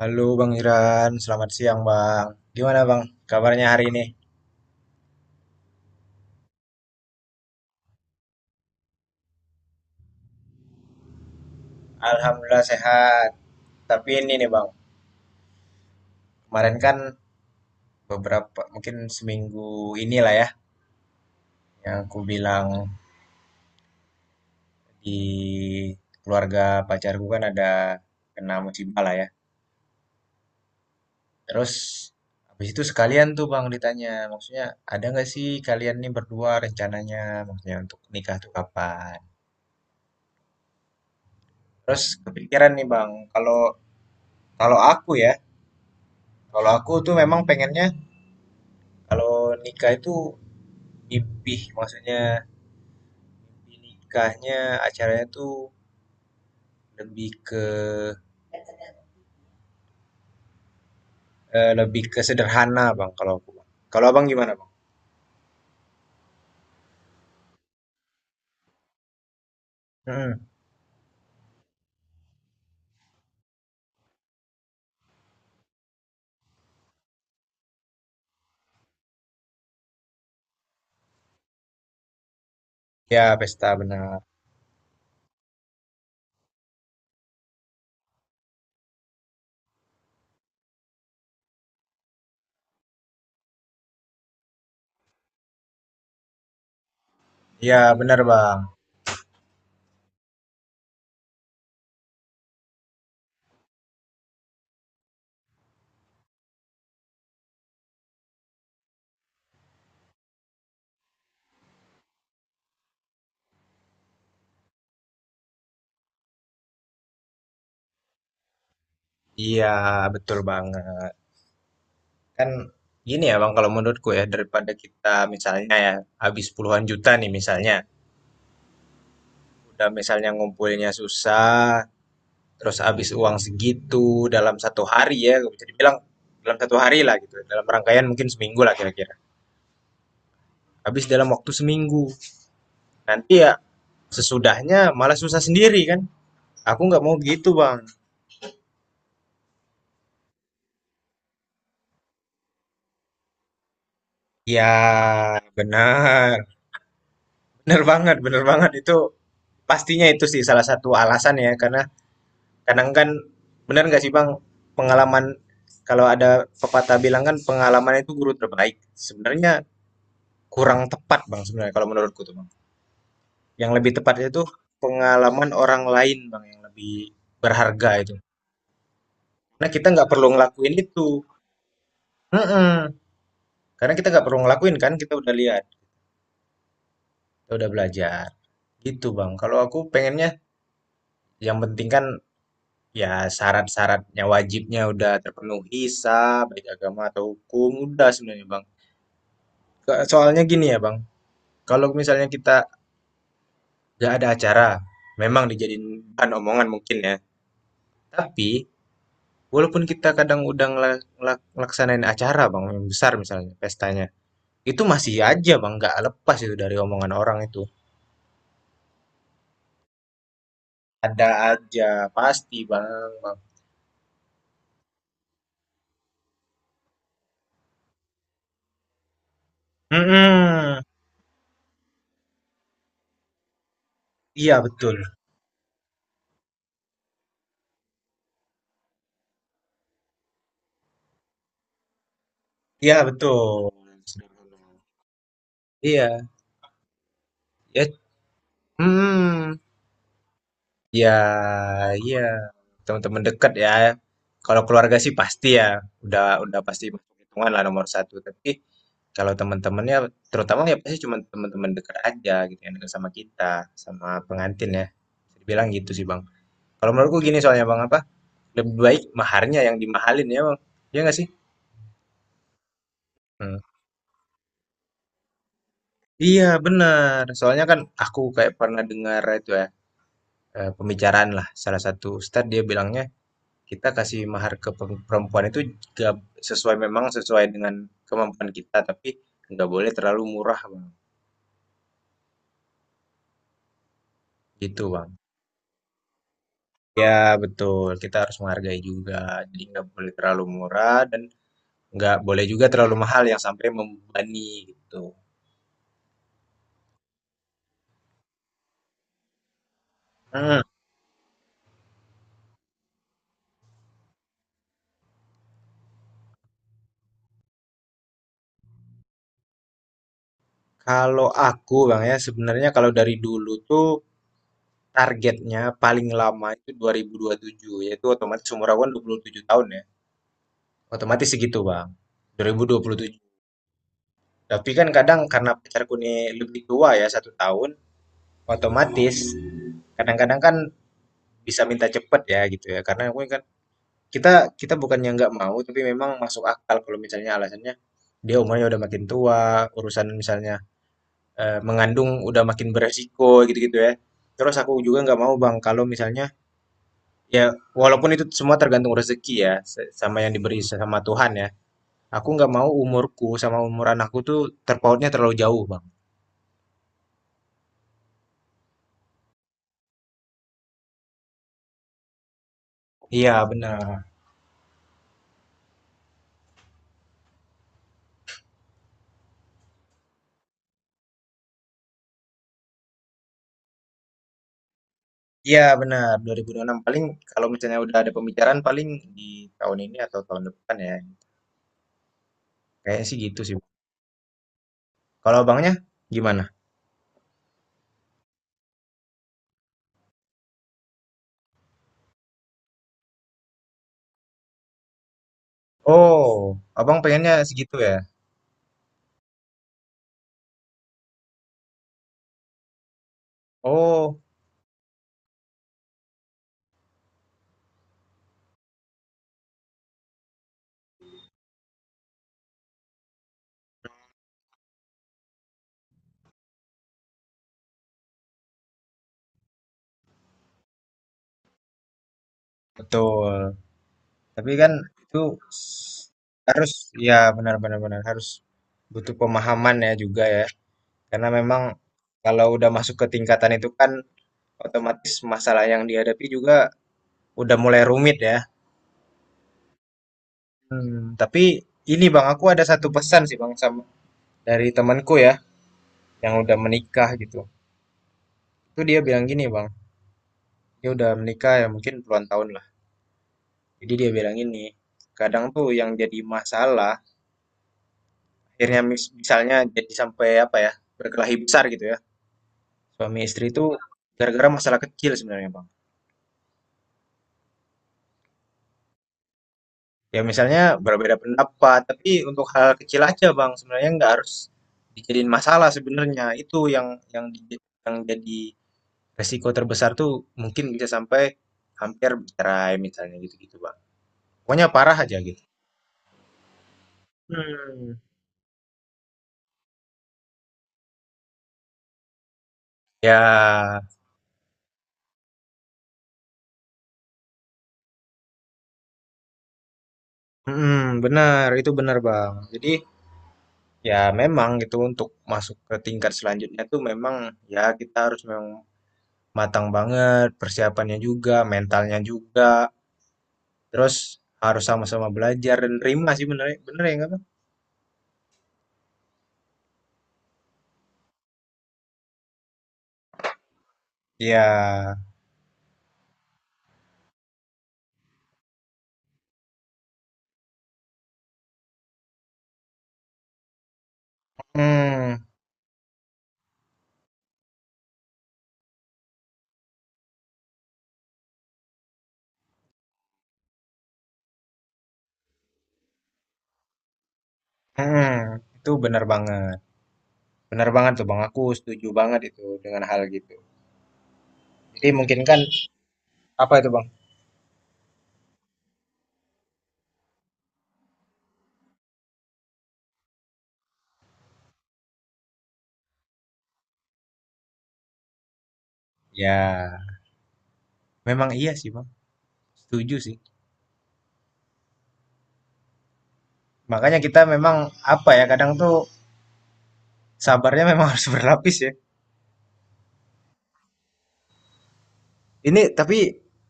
Halo Bang Iran, selamat siang Bang. Gimana Bang kabarnya hari ini? Alhamdulillah sehat. Tapi ini nih Bang, kemarin kan beberapa, mungkin seminggu inilah ya, yang aku bilang di keluarga pacarku kan ada kena musibah lah ya. Terus habis itu sekalian tuh Bang ditanya, maksudnya ada nggak sih kalian nih berdua rencananya, maksudnya untuk nikah tuh kapan? Terus kepikiran nih Bang, kalau kalau aku ya, kalau aku tuh memang pengennya kalau nikah itu mimpi, maksudnya mimpi nikahnya acaranya tuh lebih ke lebih ke sederhana, Bang, kalau aku. Bang. Kalau Abang gimana, Bang? Mm. Ya, pesta benar. Ya benar, Bang. Iya, betul banget. Kan gini ya, Bang, kalau menurutku ya daripada kita misalnya ya habis puluhan juta nih misalnya, udah misalnya ngumpulinnya susah, terus habis uang segitu dalam satu hari ya, bisa dibilang dalam satu hari lah gitu, dalam rangkaian mungkin seminggu lah kira-kira, habis dalam waktu seminggu. Nanti ya sesudahnya malah susah sendiri kan. Aku nggak mau gitu, Bang. Ya, benar. Benar banget itu pastinya itu sih salah satu alasan ya karena kadang kan benar nggak sih, Bang, pengalaman kalau ada pepatah bilang kan pengalaman itu guru terbaik. Sebenarnya kurang tepat, Bang, sebenarnya kalau menurutku tuh, Bang. Yang lebih tepatnya itu pengalaman orang lain, Bang, yang lebih berharga itu. Karena kita nggak perlu ngelakuin itu. Mm-mm. Karena kita nggak perlu ngelakuin kan, kita udah lihat, kita udah belajar. Gitu Bang. Kalau aku pengennya yang penting kan ya syarat-syaratnya wajibnya udah terpenuhi sah, baik agama atau hukum, udah sebenarnya Bang. Soalnya gini ya Bang, kalau misalnya kita nggak ada acara, memang dijadiin bahan omongan mungkin ya. Tapi walaupun kita kadang udah ngelaksanain acara Bang, yang besar misalnya pestanya, itu masih aja Bang, nggak lepas itu dari omongan orang itu. Ada aja, pasti Bang. Bang. Mhm, iya betul. Iya betul. Iya, ya. Hmm, ya, iya. Teman-teman dekat ya. Kalau keluarga sih pasti ya, udah pasti masuk hitungan lah nomor satu. Tapi kalau teman-temannya, terutama ya pasti cuma teman-teman dekat aja gitu yang dekat sama kita, sama pengantin ya. Bisa dibilang gitu sih bang. Kalau menurutku gini soalnya bang apa? Lebih baik maharnya yang dimahalin ya bang. Iya nggak sih? Hmm. Iya benar, soalnya kan aku kayak pernah dengar itu ya pembicaraan lah salah satu ustadz dia bilangnya kita kasih mahar ke perempuan itu gak sesuai, memang sesuai dengan kemampuan kita, tapi nggak boleh terlalu murah bang, gitu bang. Ya betul, kita harus menghargai juga, jadi nggak boleh terlalu murah dan nggak boleh juga terlalu mahal yang sampai membebani gitu. Hmm. Kalau aku bang ya sebenarnya kalau dari dulu tuh targetnya paling lama itu 2027, yaitu otomatis umur aku kan 27 tahun ya. Otomatis segitu, Bang. 2027. Tapi kan kadang karena pacarku ini lebih tua ya, satu tahun, otomatis kadang-kadang kan bisa minta cepet ya gitu ya. Karena aku kan kita kita bukannya nggak mau, tapi memang masuk akal kalau misalnya alasannya dia umurnya udah makin tua, urusan misalnya mengandung udah makin beresiko gitu-gitu ya. Terus aku juga nggak mau, Bang, kalau misalnya, ya, walaupun itu semua tergantung rezeki ya, sama yang diberi sama Tuhan ya. Aku nggak mau umurku sama umur anakku tuh terpautnya terlalu jauh, Bang. Iya, benar. Iya, benar. 2026 paling kalau misalnya udah ada pembicaraan paling di tahun ini atau tahun depan ya. Kayaknya sih gitu sih. Kalau abangnya gimana? Oh, abang pengennya segitu ya. Oh, betul. Tapi kan itu s- harus, ya benar-benar benar benar, benar. Harus butuh pemahaman ya juga ya. Karena memang kalau udah masuk ke tingkatan itu kan otomatis masalah yang dihadapi juga udah mulai rumit ya. Hmm, tapi ini Bang, aku ada satu pesan sih Bang sama dari temanku ya yang udah menikah gitu. Itu dia bilang gini Bang, dia udah menikah ya mungkin puluhan tahun lah. Jadi dia bilang gini, kadang tuh yang jadi masalah akhirnya misalnya jadi sampai apa ya berkelahi besar gitu ya. Suami istri itu gara-gara masalah kecil sebenarnya Bang. Ya misalnya berbeda pendapat, tapi untuk hal kecil aja Bang, sebenarnya nggak harus dijadiin masalah sebenarnya. Itu yang jadi resiko terbesar tuh mungkin bisa sampai hampir cerai misalnya gitu-gitu Bang. Pokoknya parah aja gitu. Hmm. Ya, benar itu benar Bang. Jadi ya memang gitu untuk masuk ke tingkat selanjutnya tuh memang ya kita harus memang matang banget, persiapannya juga, mentalnya juga. Terus harus sama-sama belajar dan terima sih bener bener ya nggak Bang? Iya. Hmm, hmm, itu bener banget. Bener banget tuh Bang, aku setuju banget itu dengan hal gitu. Jadi mungkin kan apa itu Bang? Ya, memang iya sih Bang, setuju sih. Makanya kita memang apa ya, kadang tuh sabarnya memang harus berlapis ya. Ini tapi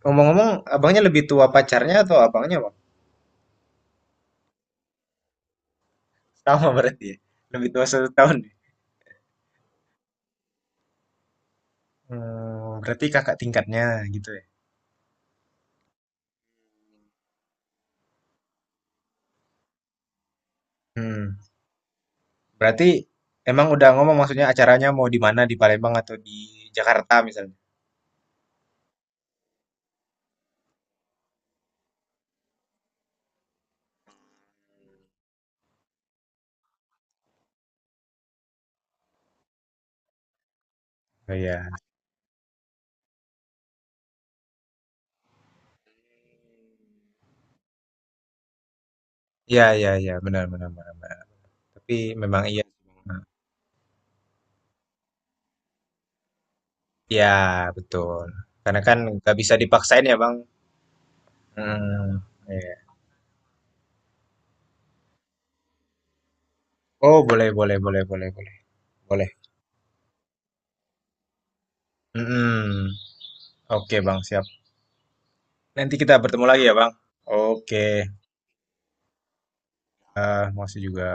ngomong-ngomong, abangnya lebih tua pacarnya atau abangnya Bang? Sama berarti ya, lebih tua satu tahun, ya? Hmm, berarti kakak tingkatnya gitu ya. Hmm. Berarti emang udah ngomong maksudnya acaranya mau di mana, di Palembang atau di Jakarta misalnya? Oh iya. Iya, iya, iya, benar, benar, benar, benar. Tapi memang iya. Iya, betul. Karena kan nggak bisa dipaksain ya, Bang. Hmm, iya. Oh, boleh, boleh, boleh, boleh, boleh. Boleh. Hmm, oke, Bang, siap. Nanti kita bertemu lagi ya, Bang. Oke, eh, makasih juga.